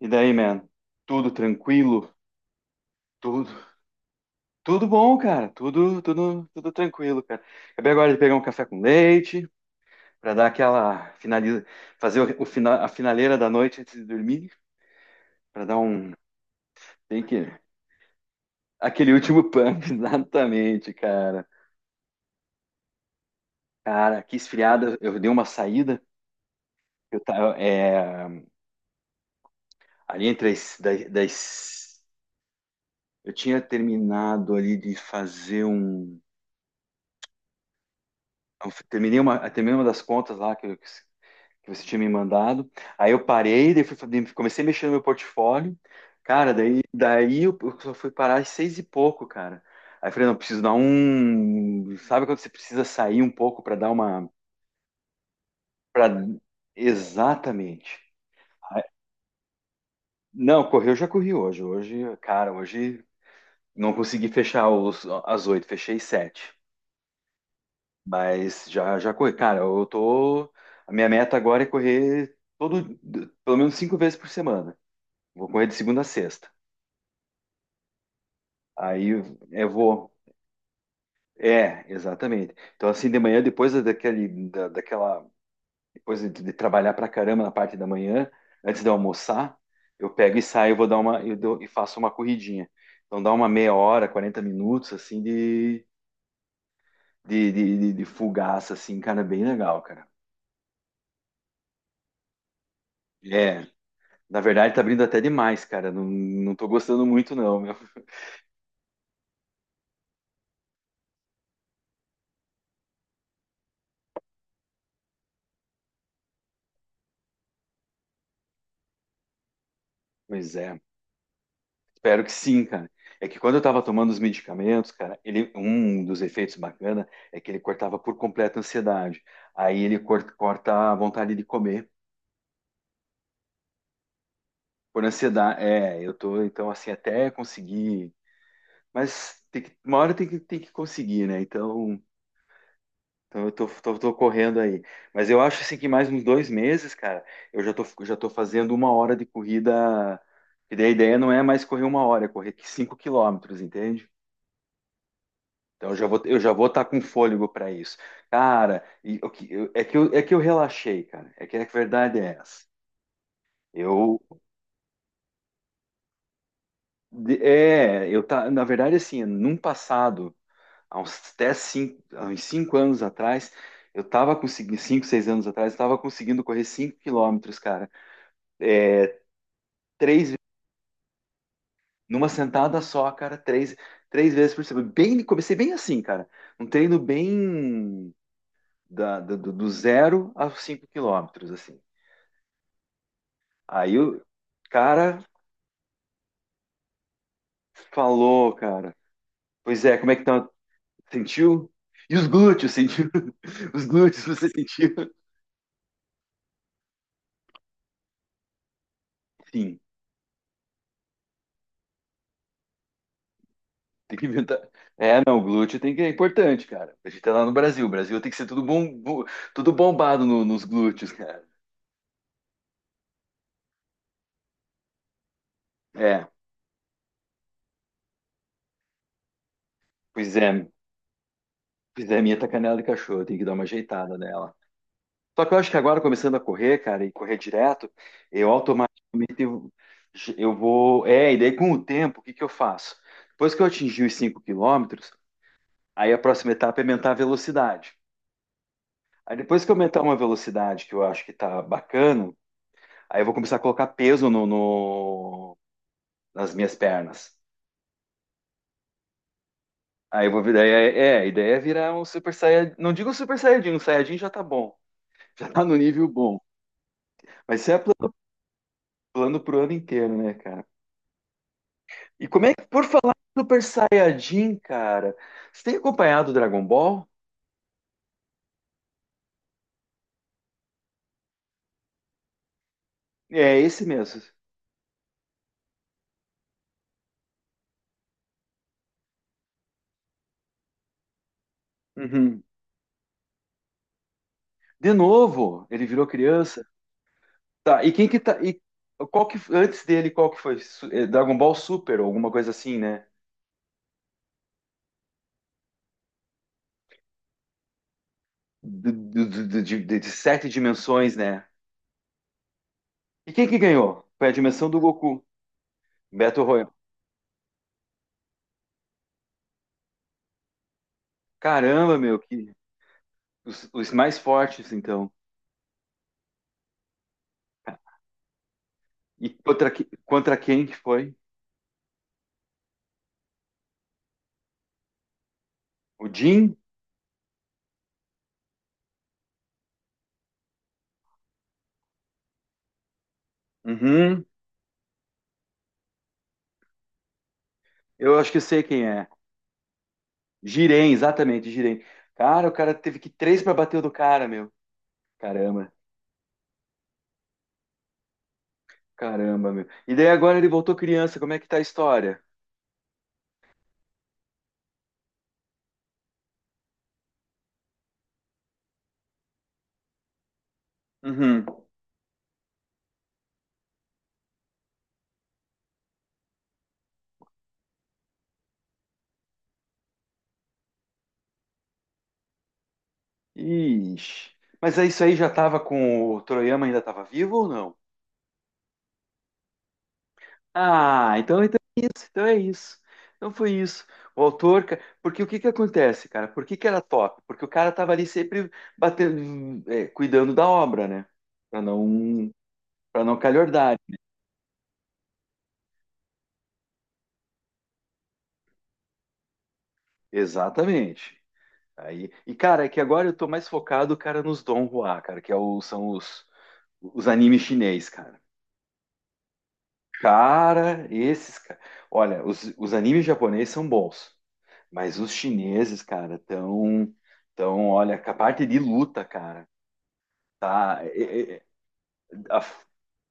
E daí, man? Tudo tranquilo? Tudo, tudo bom, cara. Tudo, tudo, tudo tranquilo, cara. Acabei agora de pegar um café com leite para dar aquela finaliza, fazer a finaleira da noite antes de dormir, para dar um, tem que aquele último pump, exatamente, cara. Cara, que esfriada, eu dei uma saída. Eu tava, ali entre as, das, das- eu tinha terminado ali de fazer um, eu terminei terminei uma das contas lá que eu que você tinha me mandado. Aí eu parei, daí fui, comecei a mexer no meu portfólio. Cara, daí eu só fui parar às seis e pouco, cara. Aí eu falei, não, preciso dar um. Sabe quando você precisa sair um pouco para dar uma. Pra... Exatamente. Aí- Não, correr eu já corri hoje. Hoje, cara, hoje não consegui fechar as 8, fechei 7. Mas já corri. Cara, eu tô. A minha meta agora é correr todo, pelo menos 5 vezes por semana. Vou correr de segunda a sexta. Aí eu vou. É, exatamente. Então, assim, de manhã, depois daquela. Depois de trabalhar pra caramba na parte da manhã, antes de eu almoçar, eu pego e saio, vou dar uma. Eu dou- e faço uma corridinha. Então, dá uma meia hora, 40 minutos, assim, de fugaça, assim, cara, bem legal, cara. É, na verdade, tá abrindo até demais, cara. Não, não tô gostando muito, não, meu. Pois é. Espero que sim, cara. É que quando eu tava tomando os medicamentos, cara, ele, um dos efeitos bacana é que ele cortava por completo a ansiedade. Aí corta a vontade de comer por ansiedade. É, eu tô, então, assim, até conseguir. Mas tem que, uma hora tem que conseguir, né? Então, então eu tô correndo aí. Mas eu acho, assim, que mais uns 2 meses, cara, eu já tô fazendo uma hora de corrida. E daí a ideia não é mais correr uma hora, é correr 5 quilômetros, entende? Então eu já vou estar com fôlego para isso. Cara, e o é que é que eu relaxei, cara. É que a verdade é essa. Eu, de- é, eu tá, na verdade, assim, num passado, há uns 5 anos atrás, eu tava conseguindo, 5, 6 anos atrás, eu tava conseguindo correr 5 quilômetros, cara. Três, ve- numa sentada só, cara, três vezes por semana. Bem, comecei bem assim, cara. Um treino bem do do zero aos 5 quilômetros, assim. Aí o cara falou, cara. Pois é, como é que tá? Sentiu? E os glúteos, sentiu? Os glúteos você sentiu? Sim, tem que inventar. É, não, o glúteo tem que é importante, cara. A gente tá lá no Brasil. O Brasil tem que ser tudo bom, bo- tudo bombado nos glúteos, cara. É, pois é, pois é, minha tá canela de cachorro, tem que dar uma ajeitada nela. Só que eu acho que agora, começando a correr, cara, e correr direto, eu automaticamente eu vou. É, e daí com o tempo, o que que eu faço? Depois que eu atingir os 5 quilômetros, aí a próxima etapa é aumentar a velocidade. Aí depois que eu aumentar uma velocidade que eu acho que tá bacana, aí eu vou começar a colocar peso nas minhas pernas. Aí eu vou virar. A ideia é virar um super saiyajin. Não digo super saiyajin, um saiyajin já tá bom. Já tá no nível bom. Mas isso é plano pro ano inteiro, né, cara? E como é que, por falar em Super Saiyajin, cara, você tem acompanhado o Dragon Ball? É esse mesmo. Uhum. De novo, ele virou criança. Tá, e quem que tá. E qual que, antes dele, qual que foi? Dragon Ball Super, ou alguma coisa assim, né? De 7 dimensões, né? E quem que ganhou? Foi a dimensão do Goku, Battle Royale. Caramba, meu, que os mais fortes, então. E contra quem que foi? O Jin? Uhum. Eu acho que eu sei quem é. Giren, exatamente, Giren. Cara, o cara teve que três para bater o do cara, meu. Caramba, caramba, meu. E daí agora ele voltou criança, como é que tá a história? Uhum. Ixi. Mas é isso aí já tava com o Toriyama ainda tava vivo ou não? Ah, então, então é isso, então é isso. Então foi isso. O autor, ca- porque o que que acontece, cara? Por que que era top? Porque o cara tava ali sempre batendo, é, cuidando da obra, né? Para não, para não calhordar. Exatamente. Aí, e cara, é que agora eu tô mais focado, cara, nos Donghua, cara, que é são os animes chinês, cara. Cara, esses, cara. Olha, os animes japoneses são bons, mas os chineses, cara, tão, olha, a parte de luta, cara, tá? A,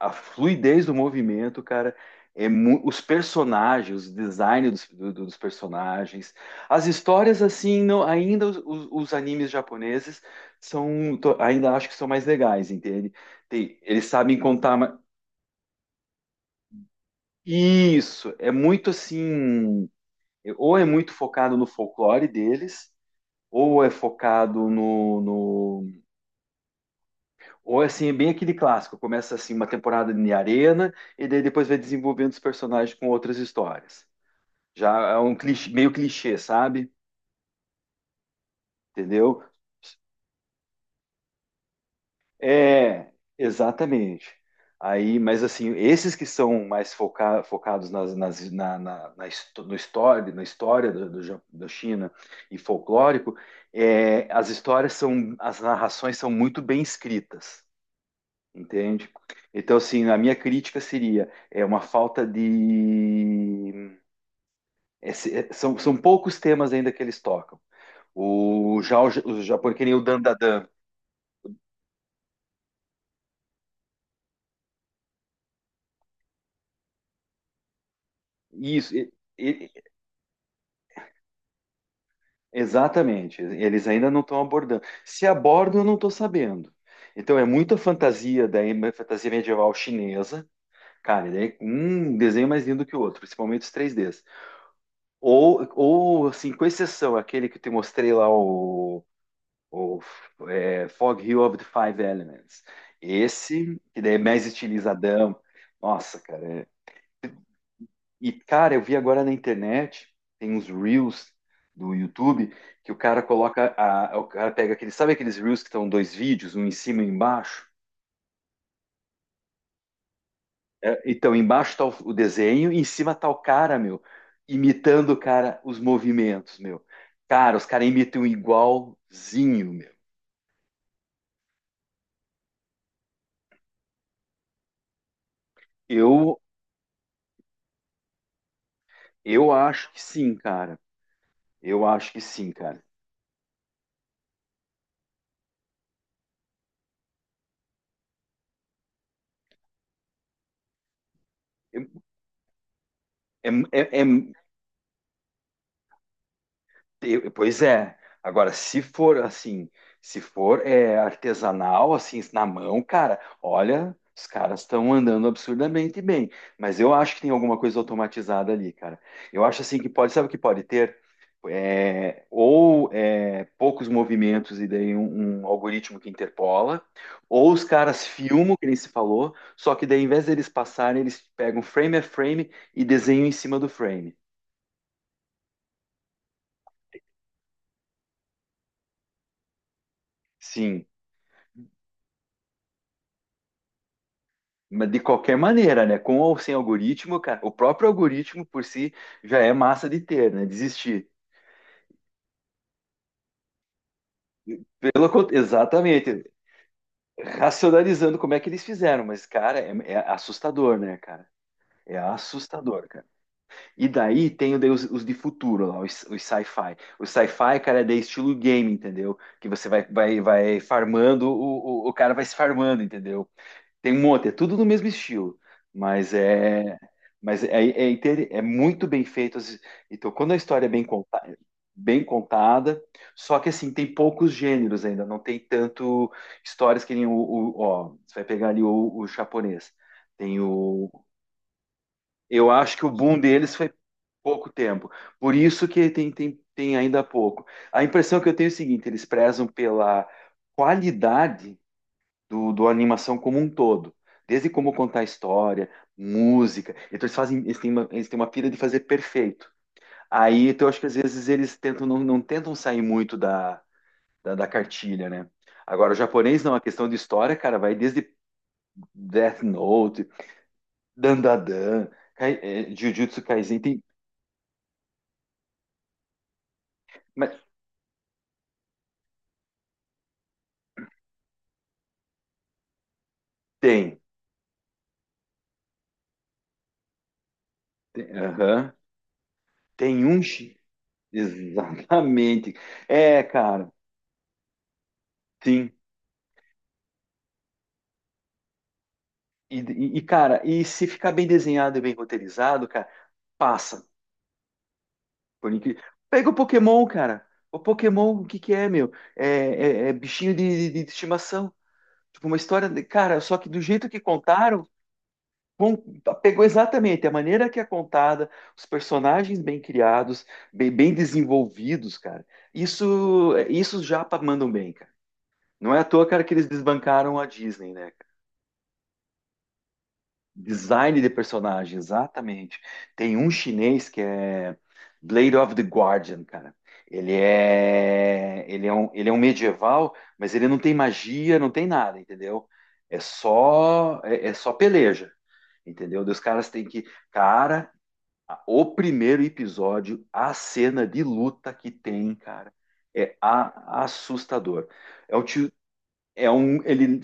a fluidez do movimento, cara, é mu- os personagens, o design dos personagens, as histórias assim, não, ainda os animes japoneses são, to- ainda acho que são mais legais, entende? Tem- eles sabem contar ma- isso, é muito assim, ou é muito focado no folclore deles, ou é focado no. Ou assim, é bem aquele clássico, começa assim uma temporada de arena e daí depois vai desenvolvendo os personagens com outras histórias. Já é um clichê, meio clichê, sabe? Entendeu? É, exatamente. Aí, mas assim, esses que são mais foca- focados na, histó- no história, na história Ja- da China e folclórico, é, as histórias são, as narrações são muito bem escritas. Entende? Então, assim, a minha crítica seria é uma falta de. São, são poucos temas ainda que eles tocam. O, já, o, ja, o Japão, que nem o Dandadan. Isso, e- exatamente. Eles ainda não estão abordando. Se abordam, eu não estou sabendo. Então, é muita fantasia, daí, é fantasia medieval chinesa. Cara, e daí, um desenho mais lindo que o outro, principalmente os 3Ds. Ou assim, com exceção, aquele que eu te mostrei lá, o. O é, Fog Hill of the Five Elements. Esse, que daí é mais estilizadão. Nossa, cara. É- E, cara, eu vi agora na internet, tem uns Reels do YouTube, que o cara coloca, a- o cara pega aqueles, sabe aqueles Reels que estão 2 vídeos, um em cima e um embaixo? É, então, embaixo tá o desenho e em cima tá o cara, meu, imitando, cara, os movimentos, meu. Cara, os caras imitam igualzinho, meu. Eu, eu acho que sim, cara. Eu acho que sim, cara. É, é, é, é Eu- Pois é. Agora, se for assim, se for é, artesanal, assim, na mão, cara, olha, os caras estão andando absurdamente bem. Mas eu acho que tem alguma coisa automatizada ali, cara. Eu acho assim que pode, sabe o que pode ter? É, ou é, poucos movimentos e daí um, um algoritmo que interpola, ou os caras filmam, que nem se falou, só que daí, em vez deles passarem, eles pegam frame a frame e desenham em cima do frame. Sim. Mas de qualquer maneira, né? Com ou sem algoritmo, cara, o próprio algoritmo por si já é massa de ter, né? Desistir. Pelo, cont- exatamente. Racionalizando como é que eles fizeram, mas, cara, é assustador, né, cara? É assustador, cara. E daí tem daí os de futuro lá, os sci-fi. O sci-fi, cara, é de estilo game, entendeu? Que você vai, vai farmando, o cara vai se farmando, entendeu? Tem um monte, é tudo do mesmo estilo, mas é, mas é, é, inter- é muito bem feito. As- Então, quando a história é bem contada, só que assim, tem poucos gêneros ainda, não tem tanto histórias que nem ó, você vai pegar ali o japonês. Tem o, eu acho que o boom deles foi pouco tempo, por isso que tem ainda pouco. A impressão que eu tenho é o seguinte, eles prezam pela qualidade do animação como um todo. Desde como contar história, música. Então eles fazem, eles têm uma pira de fazer perfeito. Aí então, eu acho que às vezes eles tentam, não, não tentam sair muito da, da cartilha, né? Agora, o japonês não, a questão de história, cara, vai desde Death Note, Dandadan, Kai, eh, Jujutsu Kaisen, tem, mas tem, aham. Tem um, chi- exatamente, é, cara, sim. E, e, cara, e se ficar bem desenhado e bem roteirizado, cara, passa. Por incrível. Pega o Pokémon, cara. O Pokémon, o que que é, meu? É- é bichinho de estimação. Tipo, uma história. De- Cara, só que do jeito que contaram, com- pegou exatamente a maneira que é contada, os personagens bem criados, bem, bem desenvolvidos, cara. Isso, é, isso os japa mandam bem, cara. Não é à toa, cara, que eles desbancaram a Disney, né? Design de personagem, exatamente. Tem um chinês que é Blade of the Guardian, cara. Ele é um medieval, mas ele não tem magia, não tem nada, entendeu? É só, é, é só peleja, entendeu? Daí os caras têm que, cara, a- o primeiro episódio, a cena de luta que tem, cara, é a- assustador. É um, tio- é um, ele.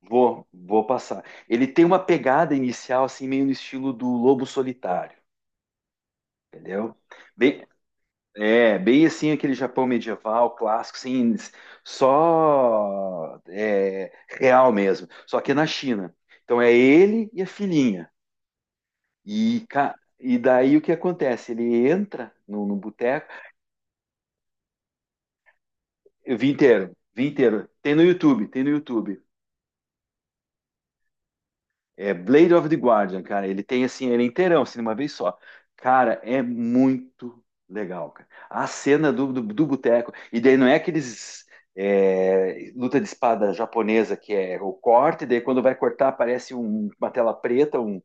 Vou, vou passar. Ele tem uma pegada inicial, assim, meio no estilo do Lobo Solitário, entendeu? Bem, é, bem assim aquele Japão medieval, clássico, assim, só é, real mesmo. Só que é na China. Então é ele e a filhinha. E, ca- e daí o que acontece? Ele entra no boteco, eu vi inteiro, vi inteiro. Tem no YouTube, tem no YouTube. É Blade of the Guardian, cara. Ele tem assim, ele é inteirão, assim, de uma vez só. Cara, é muito legal, cara. A cena do boteco. E daí não é aqueles. É, luta de espada japonesa que é o corte, daí quando vai cortar aparece um- uma tela preta, um,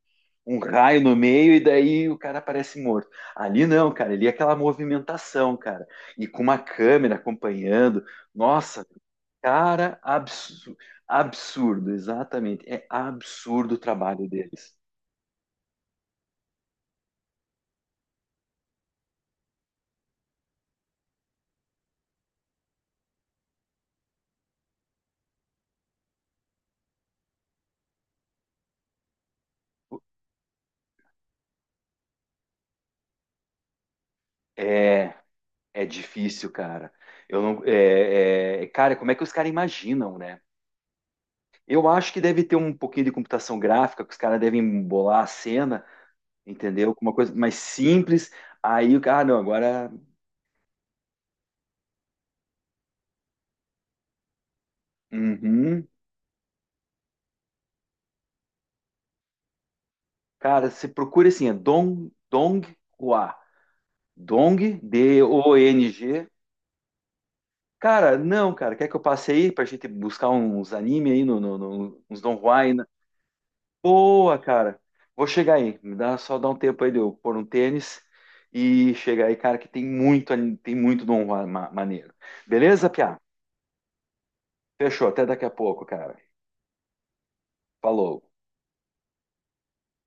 um raio no meio, e daí o cara aparece morto. Ali não, cara, ali é aquela movimentação, cara, e com uma câmera acompanhando. Nossa, cara, absurdo, absurdo, exatamente. É absurdo o trabalho deles. É, é difícil, cara. Eu não, é, cara, como é que os caras imaginam, né? Eu acho que deve ter um pouquinho de computação gráfica, que os caras devem bolar a cena, entendeu? Com uma coisa mais simples. Aí o cara, ah, não, agora, uhum. Cara, você procura assim, é Dong, Donghua. Dong, DONG. Cara, não, cara. Quer que eu passe aí pra gente buscar uns anime aí, uns Don Juan, né? Boa, cara. Vou chegar aí. Me dá só dá um tempo aí de eu pôr um tênis e chegar aí, cara, que tem muito, anime- tem muito Don Juan ma- maneiro. Beleza, Piá? Fechou. Até daqui a pouco, cara. Falou.